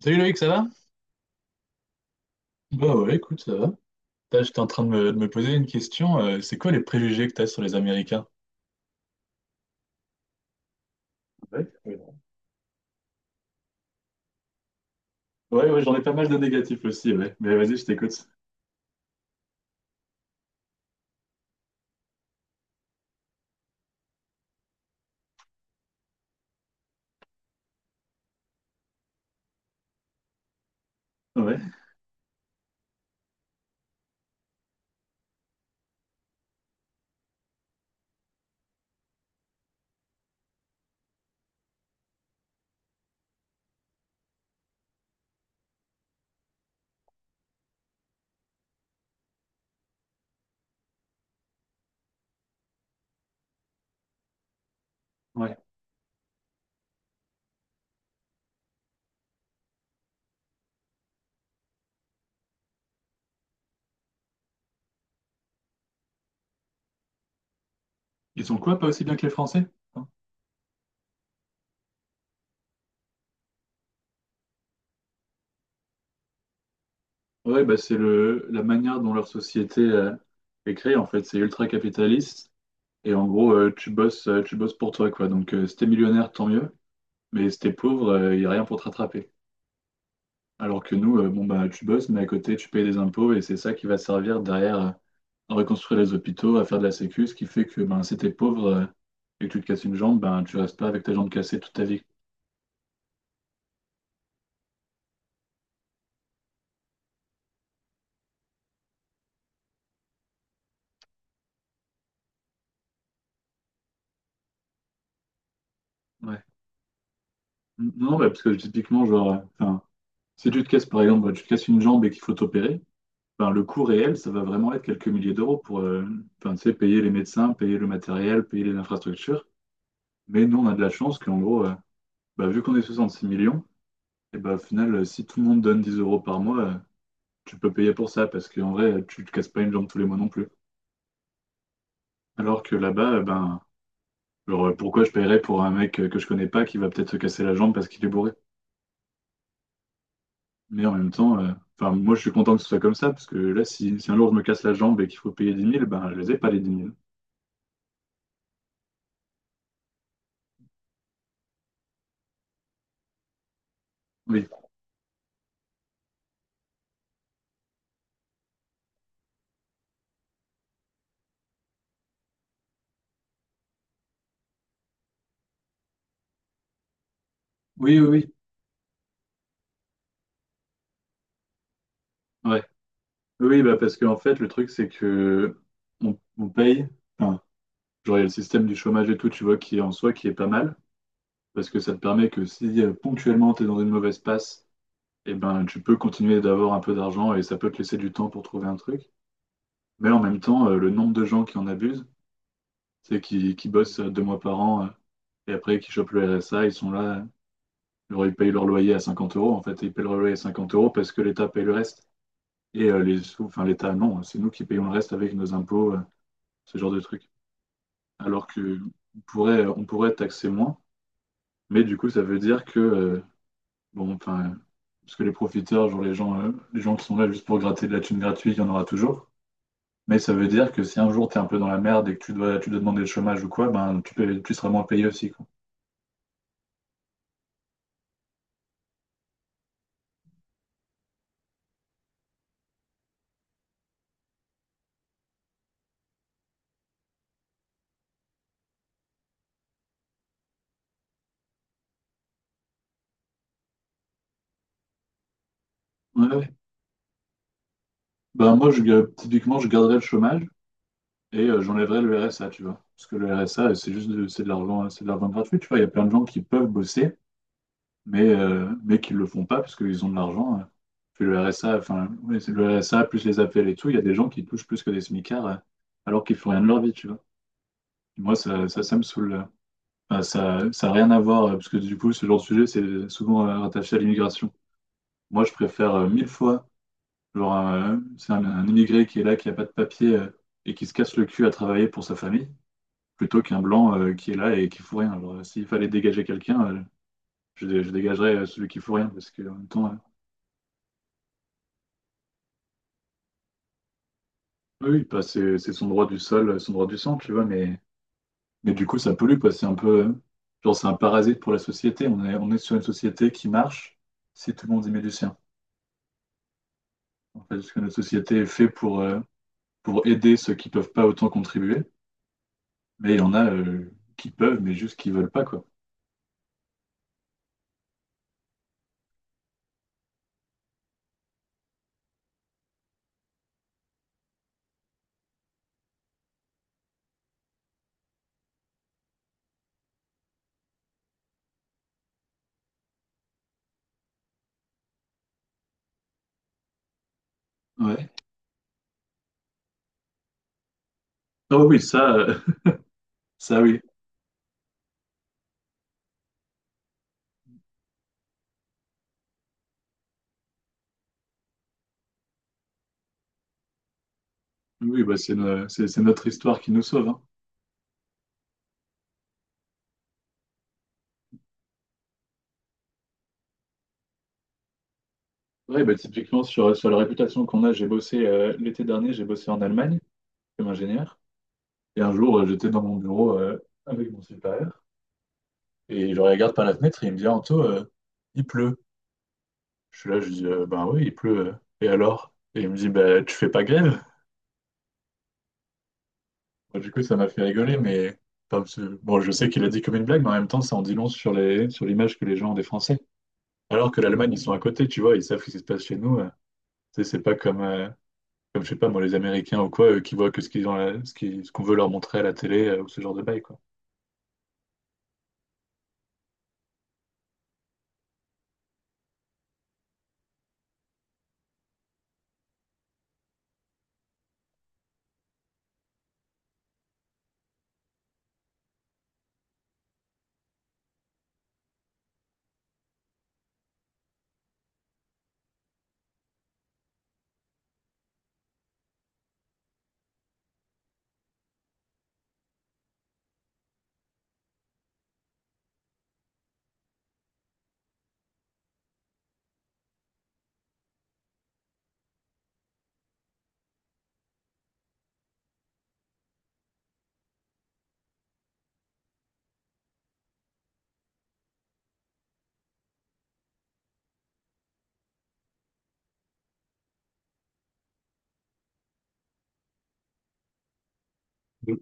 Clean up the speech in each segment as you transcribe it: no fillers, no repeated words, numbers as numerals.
Salut Loïc, ça va? Bah ouais, écoute, ça va. Là, j'étais en train de me poser une question. C'est quoi les préjugés que t'as sur les Américains? Ouais, ouais, ouais, ouais, j'en ai pas mal de négatifs aussi, ouais. Mais vas-y, je t'écoute. Ouais, ouais. Ils sont quoi, pas aussi bien que les Français? Hein. Ouais, bah c'est le la manière dont leur société est créée, en fait. C'est ultra capitaliste. Et en gros, tu bosses pour toi, quoi. Donc, si t'es millionnaire, tant mieux. Mais si t'es pauvre, il n'y a rien pour te rattraper. Alors que nous, bon bah tu bosses, mais à côté, tu payes des impôts et c'est ça qui va te servir derrière, à reconstruire les hôpitaux, à faire de la sécu, ce qui fait que ben, si t'es pauvre et que tu te casses une jambe, ben, tu restes pas avec ta jambe cassée toute ta vie. Ouais. Non, bah, parce que typiquement, genre, enfin, si tu te casses par exemple, tu te casses une jambe et qu'il faut t'opérer, ben, le coût réel, ça va vraiment être quelques milliers d'euros pour enfin, tu sais, payer les médecins, payer le matériel, payer les infrastructures. Mais nous, on a de la chance qu'en gros, bah, vu qu'on est 66 millions, et ben au final, si tout le monde donne 10 euros par mois, tu peux payer pour ça parce qu'en vrai, tu te casses pas une jambe tous les mois non plus. Alors que là-bas, ben, genre, pourquoi je paierais pour un mec que je connais pas qui va peut-être se casser la jambe parce qu'il est bourré? Mais en même temps, enfin, moi, je suis content que ce soit comme ça, parce que là, si un jour je me casse la jambe et qu'il faut payer dix mille, ben, je les ai pas, les 10 000. Oui. Oui, oui, oui. Ouais. Oui, bah, parce qu'en fait, le truc, c'est que on paye. Enfin, genre, il y a le système du chômage et tout, tu vois, qui est en soi, qui est pas mal, parce que ça te permet que si ponctuellement tu es dans une mauvaise passe, eh ben, tu peux continuer d'avoir un peu d'argent et ça peut te laisser du temps pour trouver un truc. Mais en même temps, le nombre de gens qui en abusent, c'est qui bossent 2 mois par an et après qui chopent le RSA, ils sont là. Alors, ils payent leur loyer à 50 euros. En fait, ils payent leur loyer à 50 euros parce que l'État paye le reste. Et les sous, enfin, l'État, non, c'est nous qui payons le reste avec nos impôts, ce genre de truc. Alors que on pourrait taxer moins, mais du coup, ça veut dire que, bon, enfin, parce que les profiteurs, genre les gens qui sont là juste pour gratter de la thune gratuite, il y en aura toujours. Mais ça veut dire que si un jour tu es un peu dans la merde et que tu dois demander le chômage ou quoi, ben tu seras moins payé aussi, quoi. Ouais, ouais. Ben moi, typiquement, je garderais le chômage et j'enlèverais le RSA, tu vois. Parce que le RSA, c'est de l'argent gratuit, tu vois. Il y a plein de gens qui peuvent bosser, mais qui ne le font pas parce qu'ils ont de l'argent. Puis le RSA, enfin, oui, c'est le RSA, plus les appels et tout, il y a des gens qui touchent plus que des smicards alors qu'ils font rien de leur vie, tu vois. Moi, ça me saoule. Enfin, ça n'a rien à voir, parce que du coup, ce genre de sujet, c'est souvent rattaché à l'immigration. Moi, je préfère mille fois. Genre, c'est un immigré qui est là, qui n'a pas de papier et qui se casse le cul à travailler pour sa famille, plutôt qu'un blanc qui est là et qui fout rien. Genre, s'il fallait dégager quelqu'un, je dégagerais celui qui fout rien, parce qu'en même temps, oui, bah, c'est son droit du sol, son droit du sang, tu vois, mais du coup, ça pollue, quoi. C'est un peu, genre, c'est un parasite pour la société. On est sur une société qui marche si tout le monde y met du sien. En fait, parce que notre société est faite pour aider ceux qui peuvent pas autant contribuer, mais il y en a qui peuvent, mais juste qui veulent pas, quoi. Ouais. Oh oui, ça, ça oui. Oui, bah, c'est no- c'est notre histoire qui nous sauve. Hein. Ouais, bah, typiquement, sur la réputation qu'on a, j'ai bossé l'été dernier, j'ai bossé en Allemagne comme ingénieur. Et un jour, j'étais dans mon bureau avec mon supérieur. Et je regarde par la fenêtre et il me dit, Anto, il pleut. Je suis là, je dis, ben oui, il pleut. Et alors? Et il me dit, bah, tu fais pas grève? Bon, du coup, ça m'a fait rigoler, mais enfin, bon, je sais qu'il a dit comme une blague, mais en même temps, ça en dit long sur sur l'image que les gens ont des Français. Alors que l'Allemagne, ils sont à côté, tu vois, ils savent ce qui se passe chez nous. C'est pas comme, comme, je sais pas, moi, les Américains ou quoi, eux, qui voient que ce qu'ils ont, à la- ce qui- ce qu'on veut leur montrer à la télé ou ce genre de bail, quoi. Donc,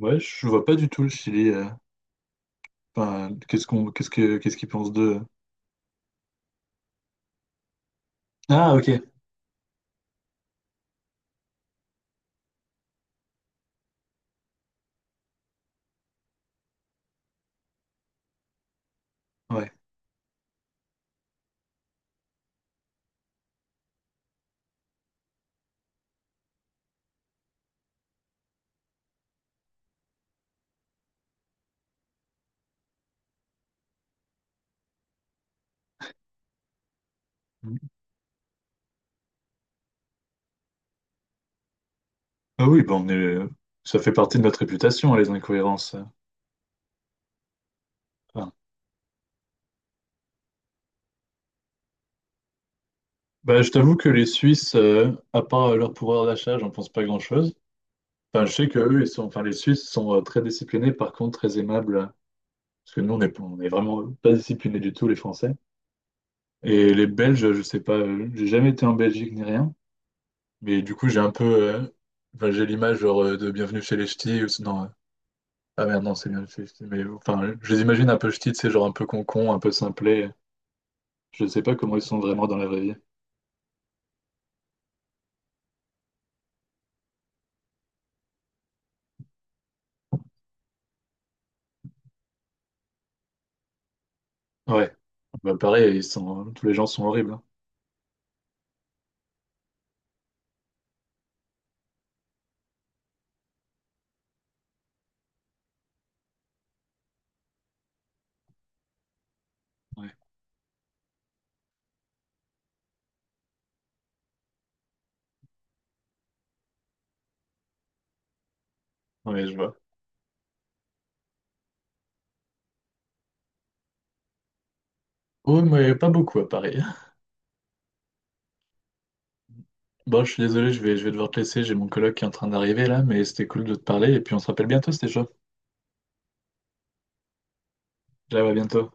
ouais, je vois pas du tout le Chili. Enfin, qu'est-ce qu'ils pensent d'eux? Ah, ok. Ouais. Ah oui, bon, ça fait partie de notre réputation, hein, les incohérences. Enfin, bah, je t'avoue que les Suisses, à part leur pouvoir d'achat, j'en pense pas grand-chose. Enfin, je sais que eux, enfin, les Suisses sont très disciplinés, par contre, très aimables. Parce que nous, on est vraiment pas disciplinés du tout, les Français. Et les Belges, je sais pas, j'ai jamais été en Belgique ni rien, mais du coup j'ai enfin, j'ai l'image genre de Bienvenue chez les Ch'tis, ou sinon, ah merde non c'est Bienvenue chez les Ch'tis, mais enfin je les imagine un peu ch'tis, c'est genre un peu concon, un peu simplet, je sais pas comment ils sont vraiment dans la vraie vie. Ouais, bah pareil, tous les gens sont horribles. Hein. Ouais, ouais je vois. Oh mais pas beaucoup à Paris. Bon je suis désolé, je vais devoir te laisser, j'ai mon coloc qui est en train d'arriver là, mais c'était cool de te parler, et puis on se rappelle bientôt, c'était chaud. Ciao, à bientôt.